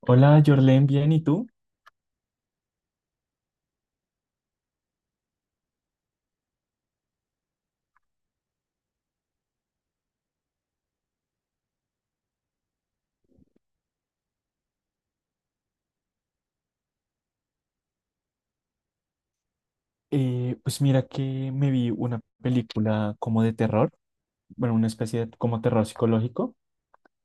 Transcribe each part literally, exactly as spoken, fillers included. Hola, Jorlen, bien, ¿y tú? Eh, pues mira que me vi una película como de terror, bueno, una especie de como terror psicológico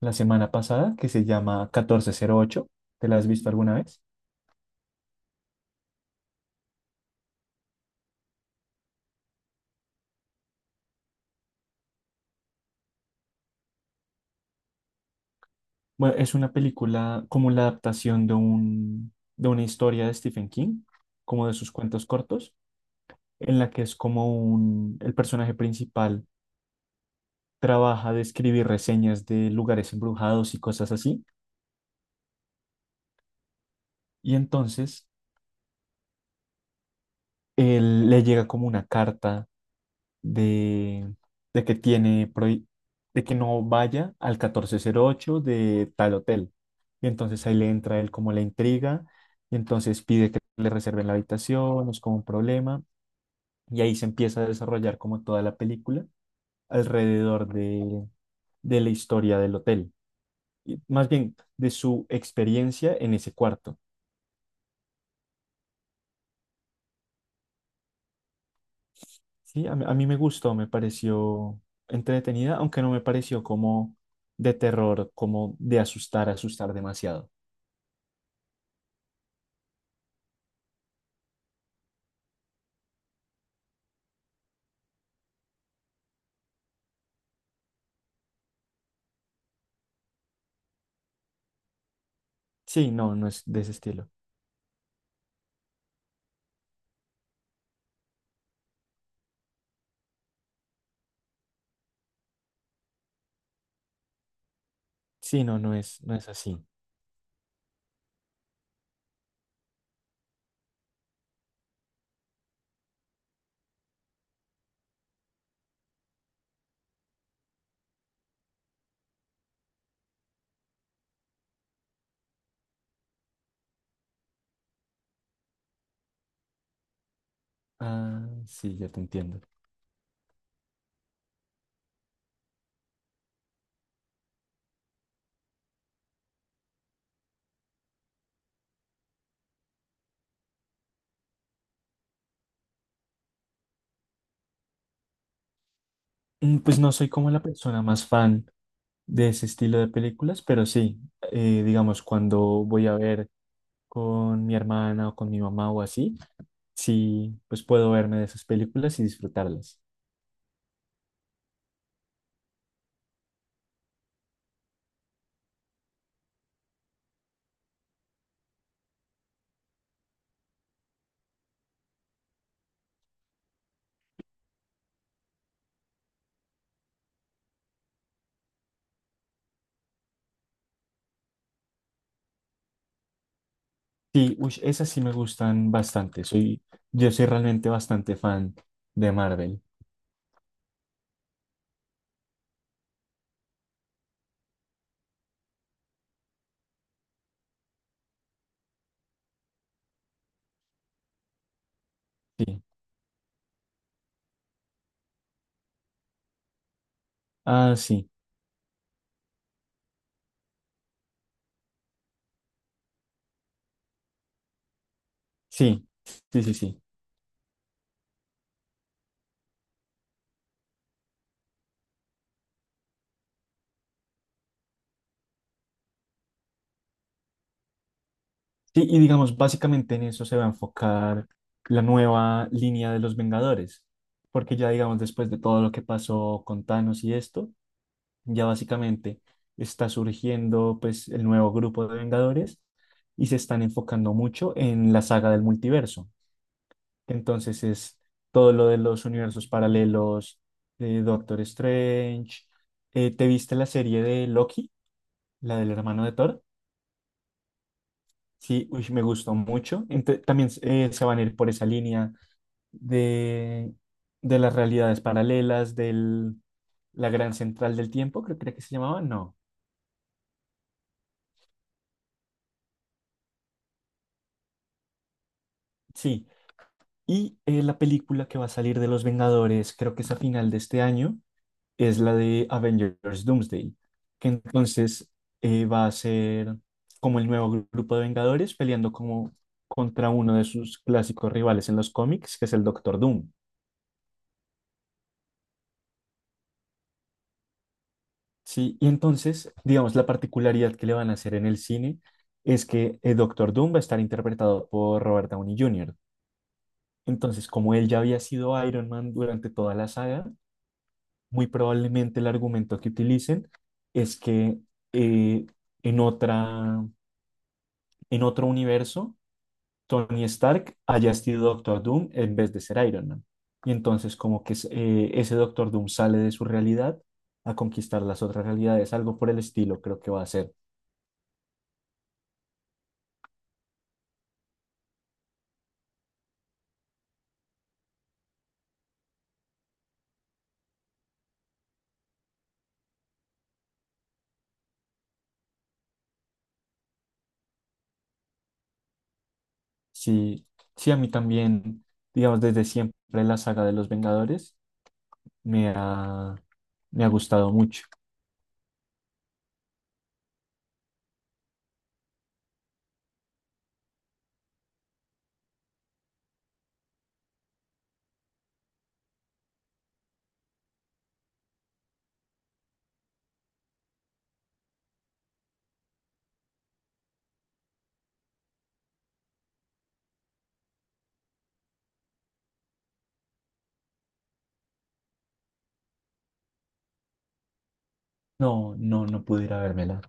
la semana pasada que se llama catorce cero ocho. ¿Te la has visto alguna vez? Bueno, es una película como la adaptación de un, de una historia de Stephen King, como de sus cuentos cortos, en la que es como un, el personaje principal trabaja de escribir reseñas de lugares embrujados y cosas así, y entonces él le llega como una carta de, de que tiene prohi- de que no vaya al catorce cero ocho de tal hotel. Y entonces ahí le entra él como la intriga, y entonces pide que le reserven la habitación, es como un problema, y ahí se empieza a desarrollar como toda la película alrededor de, de la historia del hotel, y más bien de su experiencia en ese cuarto. Sí, a mí, a mí me gustó, me pareció entretenida, aunque no me pareció como de terror, como de asustar, asustar demasiado. Sí, no, no es de ese estilo. Sí, no, no es, no es así. Ah, sí, ya te entiendo. Mm, Pues no soy como la persona más fan de ese estilo de películas, pero sí, eh, digamos, cuando voy a ver con mi hermana o con mi mamá o así, sí, pues puedo verme de esas películas y disfrutarlas. Sí, uy, esas sí me gustan bastante. Soy, yo soy realmente bastante fan de Marvel. Sí. Ah, sí, sí, sí, sí, sí. Sí, y digamos, básicamente en eso se va a enfocar la nueva línea de los Vengadores, porque ya digamos, después de todo lo que pasó con Thanos y esto, ya básicamente está surgiendo pues el nuevo grupo de Vengadores y se están enfocando mucho en la saga del multiverso. Entonces es todo lo de los universos paralelos de Doctor Strange. Eh, ¿te viste la serie de Loki, la del hermano de Thor? Sí, uy, me gustó mucho. Ente- también eh, se van a ir por esa línea de, de las realidades paralelas, de la gran central del tiempo, creo, creo que se llamaba, no. Sí. Y eh, la película que va a salir de Los Vengadores, creo que es a final de este año, es la de Avengers Doomsday, que entonces eh, va a ser como el nuevo gru- grupo de Vengadores peleando como contra uno de sus clásicos rivales en los cómics, que es el Doctor Doom. Sí, y entonces, digamos, la particularidad que le van a hacer en el cine es que el Doctor Doom va a estar interpretado por Robert Downey junior Entonces, como él ya había sido Iron Man durante toda la saga, muy probablemente el argumento que utilicen es que eh, en otra en otro universo, Tony Stark haya sido Doctor Doom en vez de ser Iron Man. Y entonces como que es- eh, ese Doctor Doom sale de su realidad a conquistar las otras realidades, algo por el estilo creo que va a ser. Sí, sí, a mí también, digamos, desde siempre la saga de los Vengadores me ha, me ha gustado mucho. No, no, no pudiera vérmela.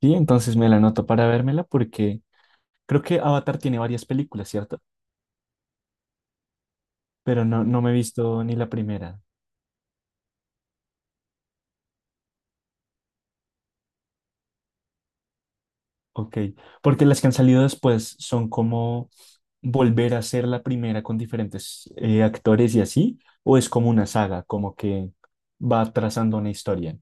Sí, entonces me la anoto para vérmela porque creo que Avatar tiene varias películas, ¿cierto? Pero no, no me he visto ni la primera. Ok, porque las que han salido después son como volver a ser la primera con diferentes eh, actores y así, o es como una saga, como que va trazando una historia.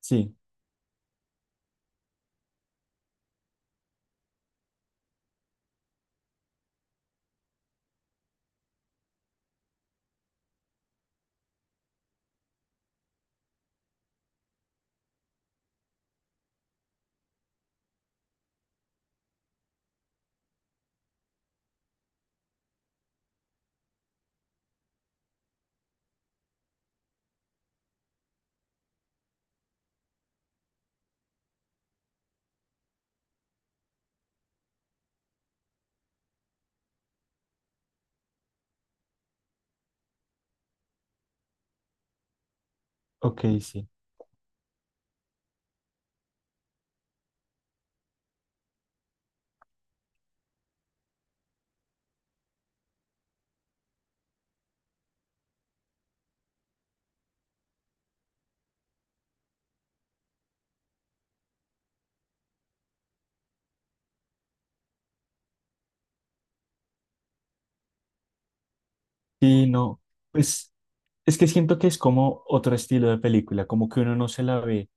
Sí, ok, sí. Sí, no, pues es que siento que es como otro estilo de película, como que uno no se la ve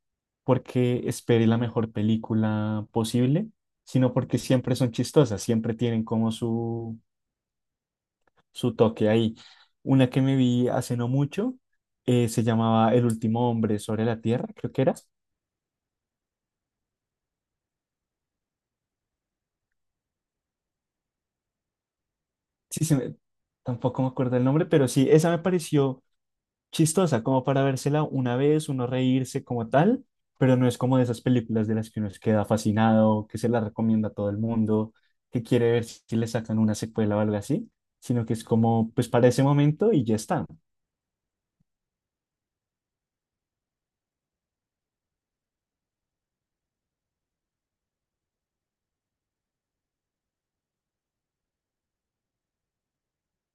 porque espere la mejor película posible, sino porque siempre son chistosas, siempre tienen como su, su toque ahí. Una que me vi hace no mucho eh, se llamaba El último hombre sobre la tierra, creo que era. Sí, se me- tampoco me acuerdo el nombre, pero sí, esa me pareció chistosa, como para vérsela una vez, uno reírse como tal, pero no es como de esas películas de las que uno se queda fascinado, que se la recomienda a todo el mundo, que quiere ver si le sacan una secuela o algo así, sino que es como, pues para ese momento y ya está.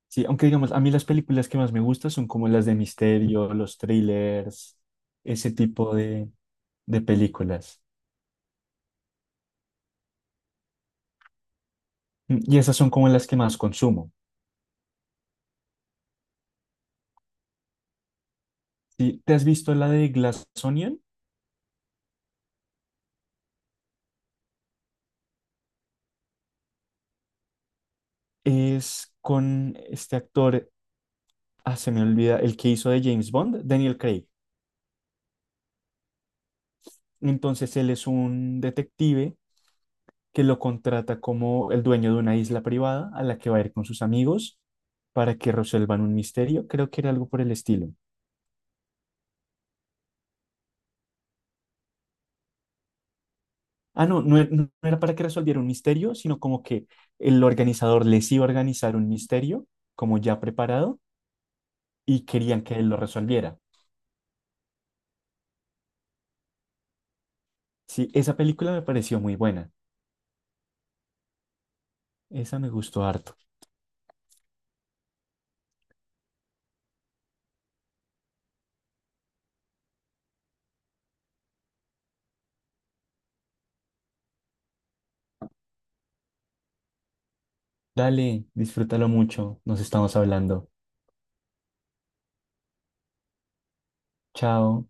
Sí, aunque digamos, a mí las películas que más me gustan son como las de misterio, los thrillers, ese tipo de, de películas. Mm, Y esas son como las que más consumo. ¿Sí? ¿Te has visto la de Glass Onion? Es con este actor. Ah, se me olvida, el que hizo de James Bond, Daniel Craig. Entonces él es un detective que lo contrata como el dueño de una isla privada a la que va a ir con sus amigos para que resuelvan un misterio. Creo que era algo por el estilo. Ah, no, no, e- no era para que resolviera un misterio, sino como que el organizador les iba a organizar un misterio como ya preparado y querían que él lo resolviera. Sí, esa película me pareció muy buena. Esa me gustó harto. Dale, disfrútalo mucho. Nos estamos hablando. Chao.